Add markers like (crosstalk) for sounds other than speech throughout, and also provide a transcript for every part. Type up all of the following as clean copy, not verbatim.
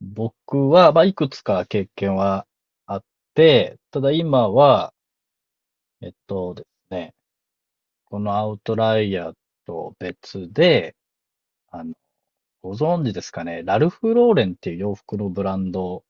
僕は、まあ、いくつか経験はあって、ただ今は、えっとですね、このアウトライヤーと別で、あの、ご存知ですかね、ラルフ・ローレンっていう洋服のブランド、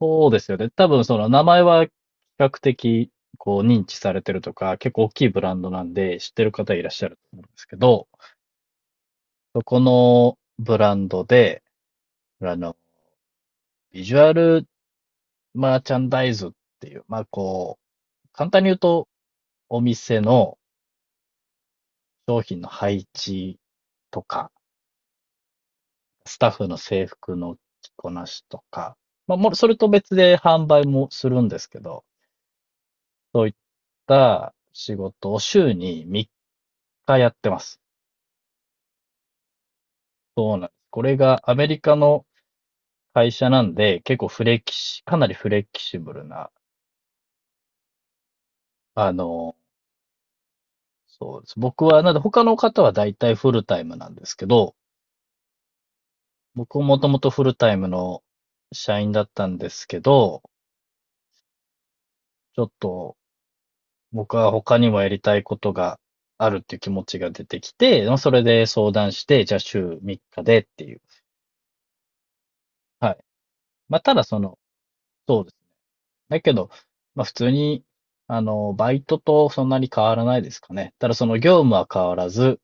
そうですよね。多分その名前は比較的こう認知されてるとか、結構大きいブランドなんで知ってる方いらっしゃると思うんですけど、そこのブランドで、あの、ビジュアルマーチャンダイズっていう、まあこう、簡単に言うとお店の商品の配置とか、スタッフの制服の着こなしとか、まあ、もうそれと別で販売もするんですけど、そういった仕事を週に3日やってます。そうなんです。これがアメリカの会社なんで、結構フレキシ、かなりフレキシブルな、あの、そうです。僕は、なんで他の方は大体フルタイムなんですけど、僕ももともとフルタイムの社員だったんですけど、ちょっと僕は他にもやりたいことがあるっていう気持ちが出てきて、まあそれで相談して、じゃあ週3日でっていう。はい。まあただその、そうです。だけど、まあ普通に、バイトとそんなに変わらないですかね。ただその業務は変わらず、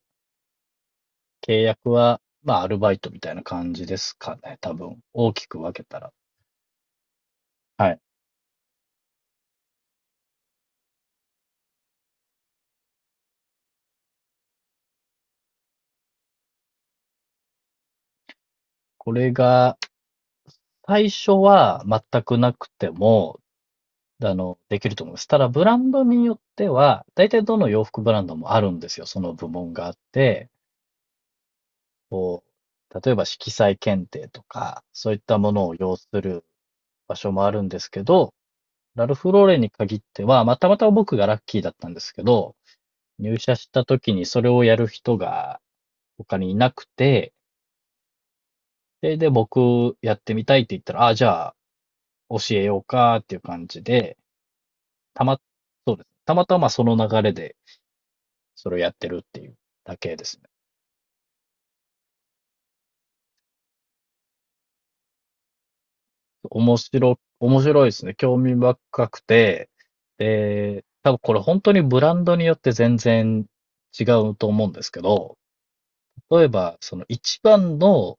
契約は、まあアルバイトみたいな感じですかね。多分、大きく分けたら。はい。これが、最初は全くなくても、できると思います。ただ、ブランドによっては、大体どの洋服ブランドもあるんですよ。その部門があって、こう、例えば色彩検定とか、そういったものを要する場所もあるんですけど、ラルフローレンに限っては、まあたまたま僕がラッキーだったんですけど、入社した時にそれをやる人が他にいなくて、それで、僕やってみたいって言ったら、ああ、じゃあ教えようかっていう感じで、たま、そうです。たまたまその流れでそれをやってるっていうだけですね。面白いですね。興味深くて、で、多分これ本当にブランドによって全然違うと思うんですけど、例えば、その一番の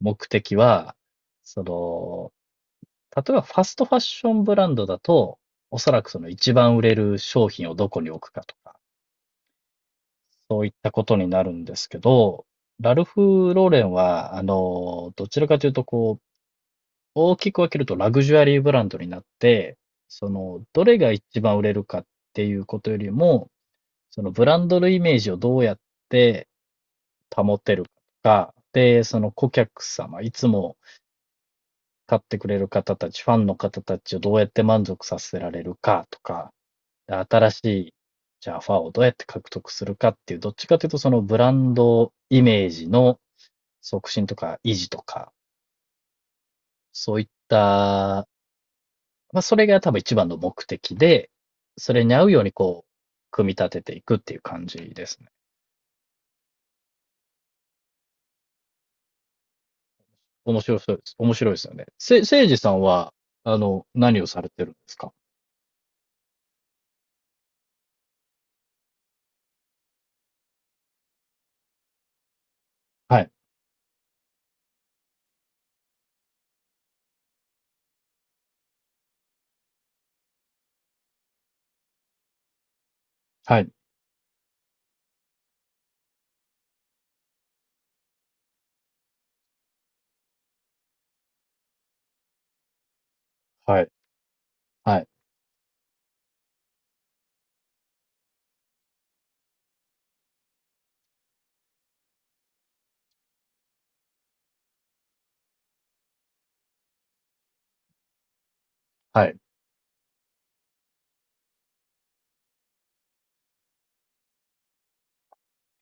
目的は、その、例えばファストファッションブランドだと、おそらくその一番売れる商品をどこに置くかとか、そういったことになるんですけど、ラルフ・ローレンは、どちらかというと、こう、大きく分けるとラグジュアリーブランドになって、その、どれが一番売れるかっていうことよりも、そのブランドのイメージをどうやって保てるかで、その顧客様、いつも買ってくれる方たち、ファンの方たちをどうやって満足させられるかとか、で新しい、じゃあファンをどうやって獲得するかっていう、どっちかというとそのブランドイメージの促進とか維持とか、そういったまあ、それが多分一番の目的で、それに合うようにこう、組み立てていくっていう感じですね。面白そうです。面白いですよね。せいじさんは、何をされてるんですか？はい、はい、はい、はい、はい、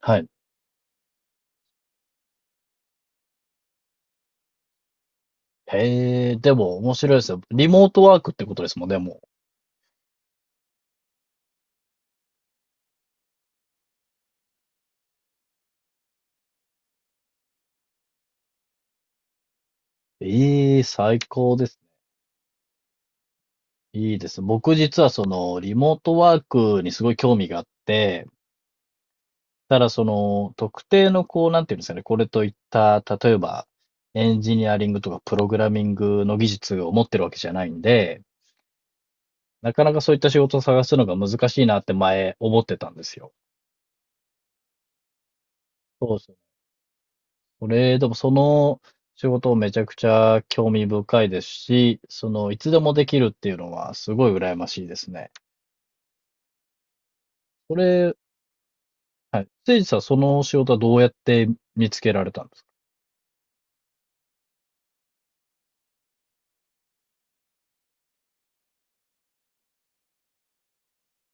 はい。へえ、でも面白いですよ。リモートワークってことですもんね、もう。ええ、最高です。いいです。僕実はその、リモートワークにすごい興味があって、ただその、特定のこう、なんていうんですかね、これといった、例えば、エンジニアリングとかプログラミングの技術を持ってるわけじゃないんで、なかなかそういった仕事を探すのが難しいなって前思ってたんですよ。そうですね。これ、でもその仕事めちゃくちゃ興味深いですし、その、いつでもできるっていうのはすごい羨ましいですね。これ、はい。せいじさん、その仕事はどうやって見つけられたんです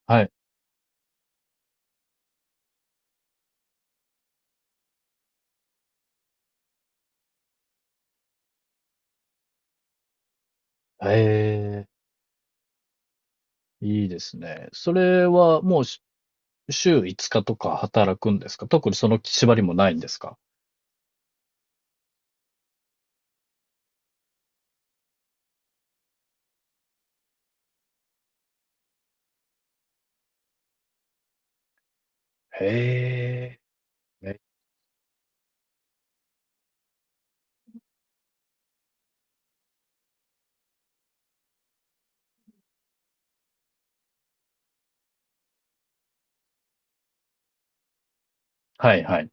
か？はい。へえ、いいですね。それはもう週5日とか働くんですか？特にその縛りもないんですか？へえ。ね、はいはい。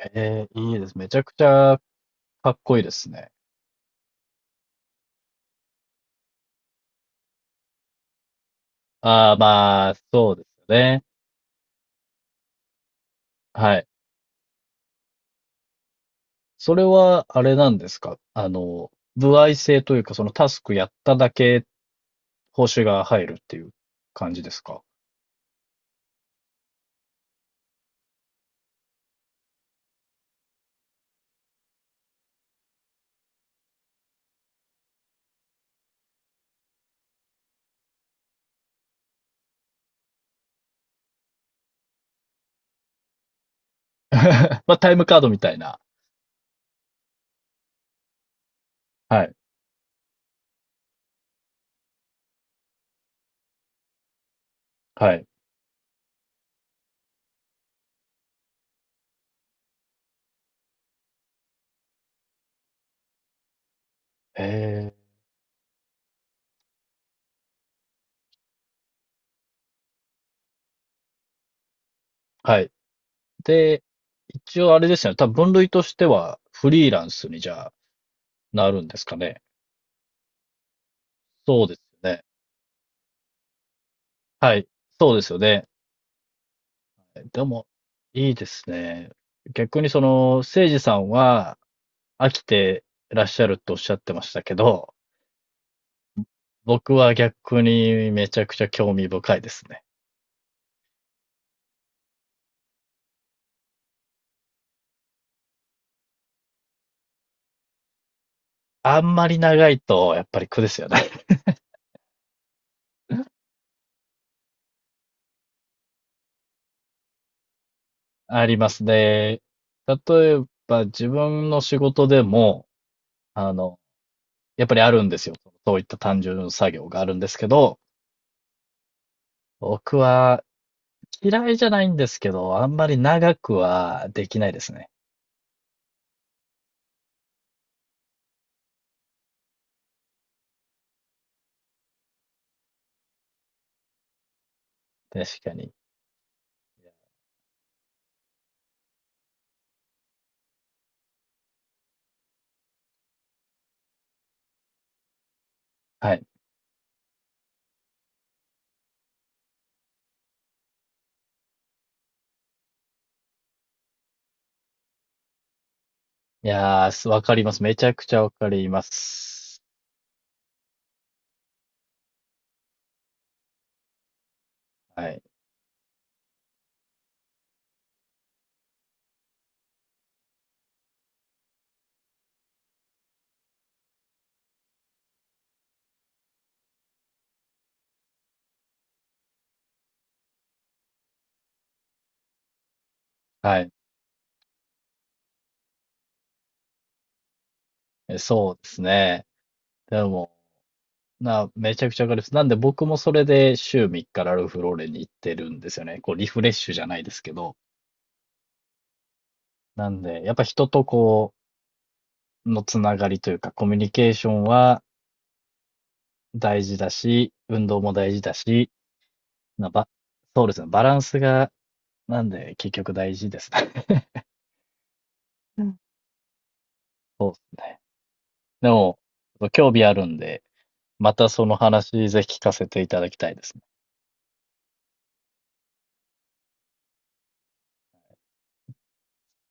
へえ、いいです。めちゃくちゃかっこいいですね。ああ、まあ、そうですよね。はい。それは、あれなんですか？歩合制というか、そのタスクやっただけ報酬が入るっていう感じですか？ (laughs) まあ、タイムカードみたいな。はい。はい。へえー。はい。で、一応あれですよね。多分分類としては、フリーランスにじゃあ、なるんですかね。そうですよね。はい。そうですよね。でも、いいですね。逆にその、せいじさんは飽きてらっしゃるとおっしゃってましたけど、僕は逆にめちゃくちゃ興味深いですね。あんまり長いとやっぱり苦ですよね。(laughs) ありますね。例えば自分の仕事でも、あの、やっぱりあるんですよ。そういった単純作業があるんですけど、僕は嫌いじゃないんですけど、あんまり長くはできないですね。確かに。はい。いやー、わかります。めちゃくちゃわかります。はい。はい。えそうですね。でも、めちゃくちゃわかります。なんで僕もそれで週3日ラルフローレンに行ってるんですよね。こう、リフレッシュじゃないですけど。なんで、やっぱ人とのつながりというか、コミュニケーションは大事だし、運動も大事だし、なば、そうですね。バランスが、なんで、結局大事ですね。(laughs) うん。そうですね。でも、興味あるんで、またその話ぜひ聞かせていただきたいですね。